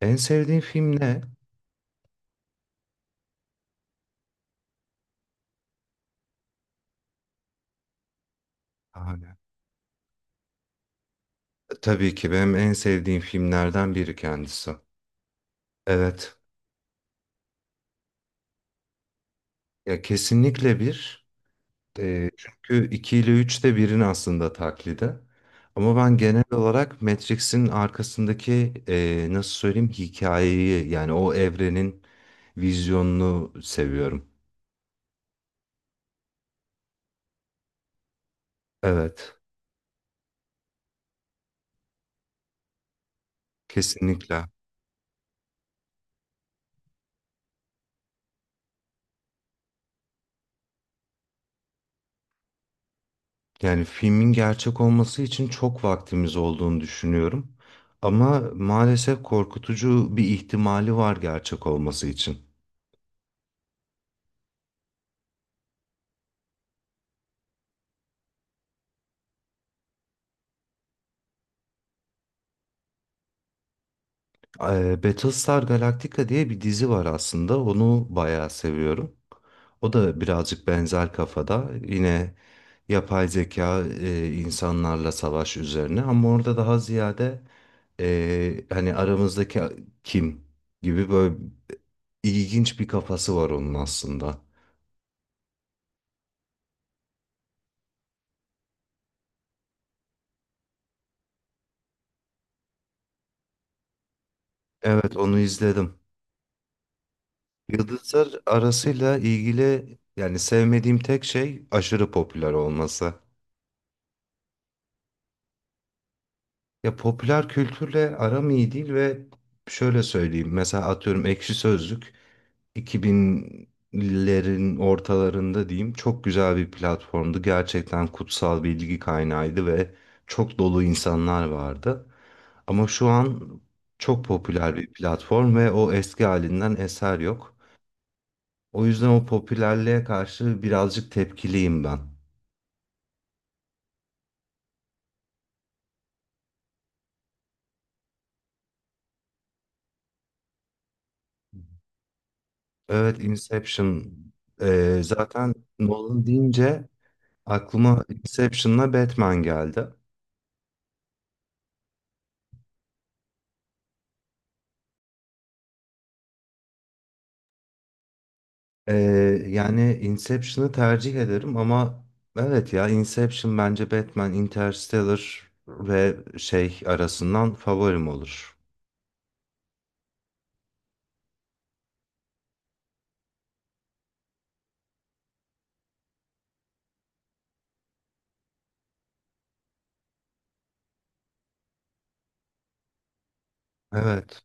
En sevdiğin film ne? Hala. Tabii ki benim en sevdiğim filmlerden biri kendisi. Evet. Ya kesinlikle bir. Çünkü 2 ile 3 de birin aslında taklidi. Ama ben genel olarak Matrix'in arkasındaki nasıl söyleyeyim hikayeyi yani o evrenin vizyonunu seviyorum. Evet. Kesinlikle. Yani filmin gerçek olması için çok vaktimiz olduğunu düşünüyorum. Ama maalesef korkutucu bir ihtimali var gerçek olması için. Battlestar Galactica diye bir dizi var aslında. Onu bayağı seviyorum. O da birazcık benzer kafada. Yine yapay zeka insanlarla savaş üzerine. Ama orada daha ziyade hani aramızdaki kim gibi böyle ilginç bir kafası var onun aslında. Evet onu izledim. Yıldızlar arasıyla ilgili yani sevmediğim tek şey aşırı popüler olması. Ya popüler kültürle aram iyi değil ve şöyle söyleyeyim. Mesela atıyorum Ekşi Sözlük 2000'lerin ortalarında diyeyim çok güzel bir platformdu. Gerçekten kutsal bilgi kaynağıydı ve çok dolu insanlar vardı. Ama şu an çok popüler bir platform ve o eski halinden eser yok. O yüzden o popülerliğe karşı birazcık tepkiliyim ben. Evet, Inception. Zaten Nolan deyince aklıma Inception'la Batman geldi. Ee, Yani Inception'ı tercih ederim ama evet ya Inception bence Batman, Interstellar ve şey arasından favorim olur. Evet,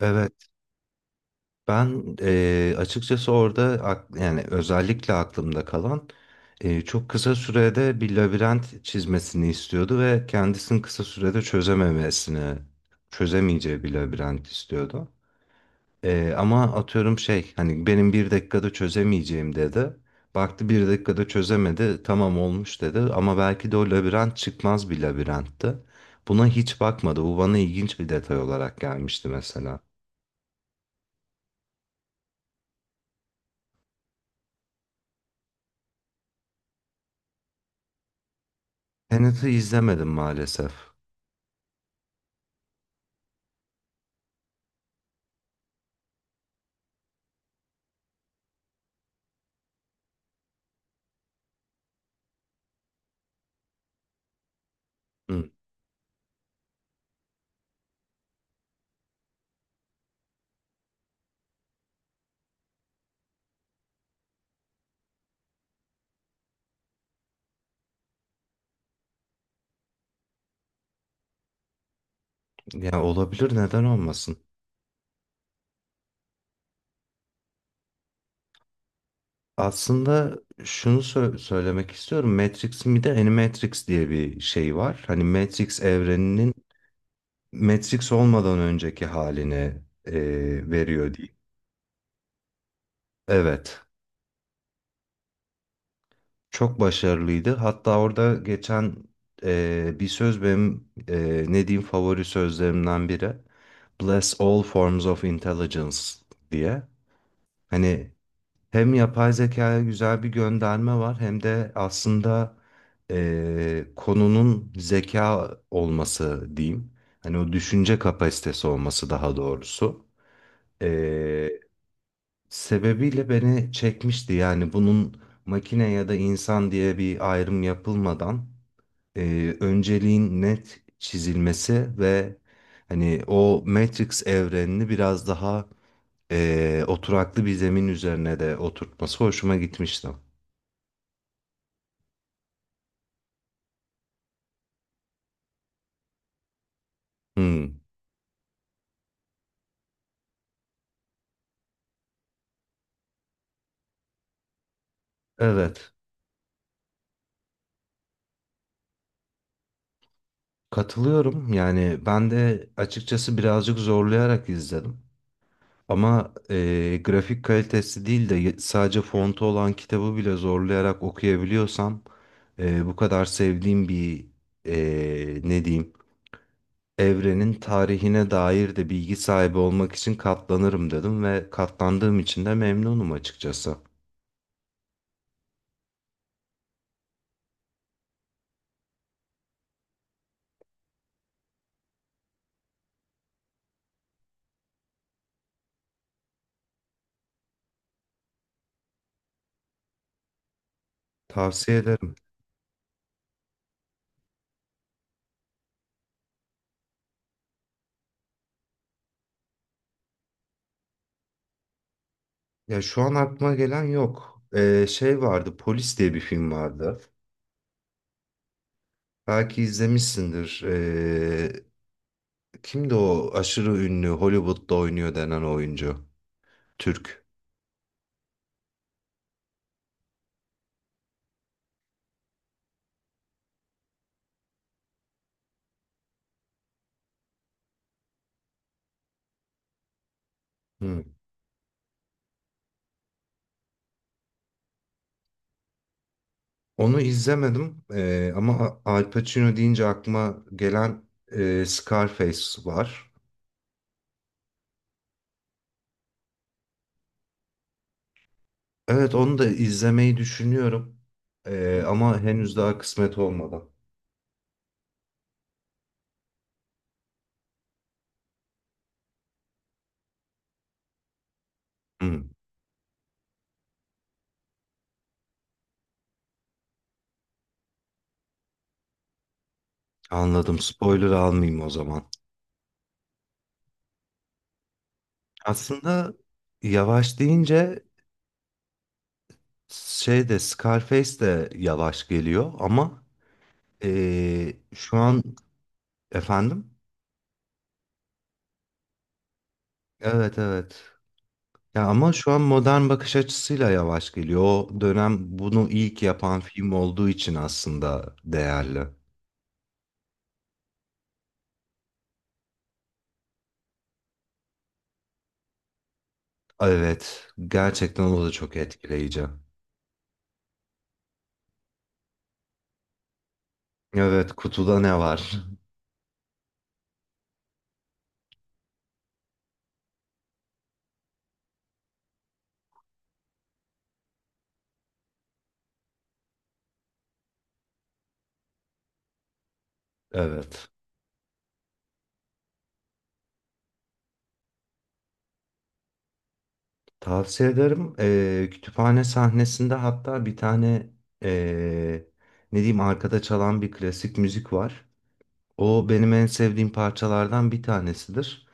evet. Ben açıkçası orada yani özellikle aklımda kalan çok kısa sürede bir labirent çizmesini istiyordu ve kendisinin kısa sürede çözememesini, çözemeyeceği bir labirent istiyordu. Ama atıyorum şey hani benim bir dakikada çözemeyeceğim dedi. Baktı bir dakikada çözemedi tamam olmuş dedi ama belki de o labirent çıkmaz bir labirentti. Buna hiç bakmadı. Bu bana ilginç bir detay olarak gelmişti mesela. Tenet'i izlemedim maalesef. Hı. Ya olabilir, neden olmasın? Aslında söylemek istiyorum. Matrix'in bir de Animatrix diye bir şey var. Hani Matrix evreninin Matrix olmadan önceki halini e, veriyor diyeyim. Evet. Çok başarılıydı. Hatta orada geçen bir söz benim ne diyeyim favori sözlerimden biri. Bless all forms of intelligence diye. Hani hem yapay zekaya güzel bir gönderme var hem de aslında konunun zeka olması diyeyim. Hani o düşünce kapasitesi olması daha doğrusu. Eee, Sebebiyle beni çekmişti yani bunun makine ya da insan diye bir ayrım yapılmadan önceliğin net çizilmesi ve hani o Matrix evrenini biraz daha oturaklı bir zemin üzerine de oturtması hoşuma gitmişti. Hmm. Evet, katılıyorum. Yani ben de açıkçası birazcık zorlayarak izledim. Ama grafik kalitesi değil de sadece fontu olan kitabı bile zorlayarak okuyabiliyorsam bu kadar sevdiğim bir ne diyeyim evrenin tarihine dair de bilgi sahibi olmak için katlanırım dedim ve katlandığım için de memnunum açıkçası. Tavsiye ederim. Ya şu an aklıma gelen yok. Şey vardı, Polis diye bir film vardı. Belki izlemişsindir. Kimdi o aşırı ünlü Hollywood'da oynuyor denen oyuncu? Türk. Hı. Onu izlemedim. Ama Al Pacino deyince aklıma gelen Scarface var. Evet onu da izlemeyi düşünüyorum. Ama henüz daha kısmet olmadı. Hmm, anladım. Spoiler almayayım o zaman. Aslında yavaş deyince şey de Scarface de yavaş geliyor ama şu an efendim? Evet evet. Ya ama şu an modern bakış açısıyla yavaş geliyor. O dönem bunu ilk yapan film olduğu için aslında değerli. Evet, gerçekten o da çok etkileyici. Evet, kutuda ne var? Evet. Tavsiye ederim. Kütüphane sahnesinde hatta bir tane ee, ne diyeyim arkada çalan bir klasik müzik var. O benim en sevdiğim parçalardan bir tanesidir.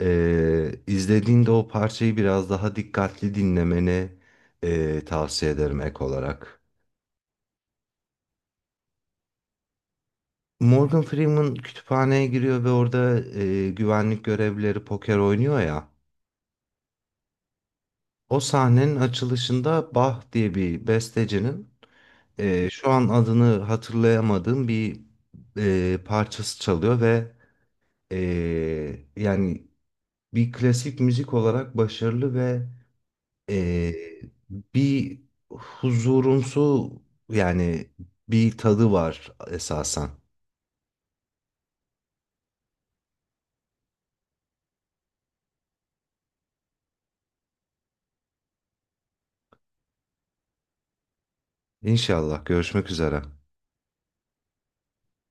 İzlediğinde o parçayı biraz daha dikkatli dinlemeni tavsiye ederim ek olarak. Morgan Freeman kütüphaneye giriyor ve orada güvenlik görevlileri poker oynuyor ya. O sahnenin açılışında Bach diye bir bestecinin şu an adını hatırlayamadığım bir parçası çalıyor ve e, yani bir klasik müzik olarak başarılı ve e, bir huzurumsu yani bir tadı var esasen. İnşallah görüşmek üzere.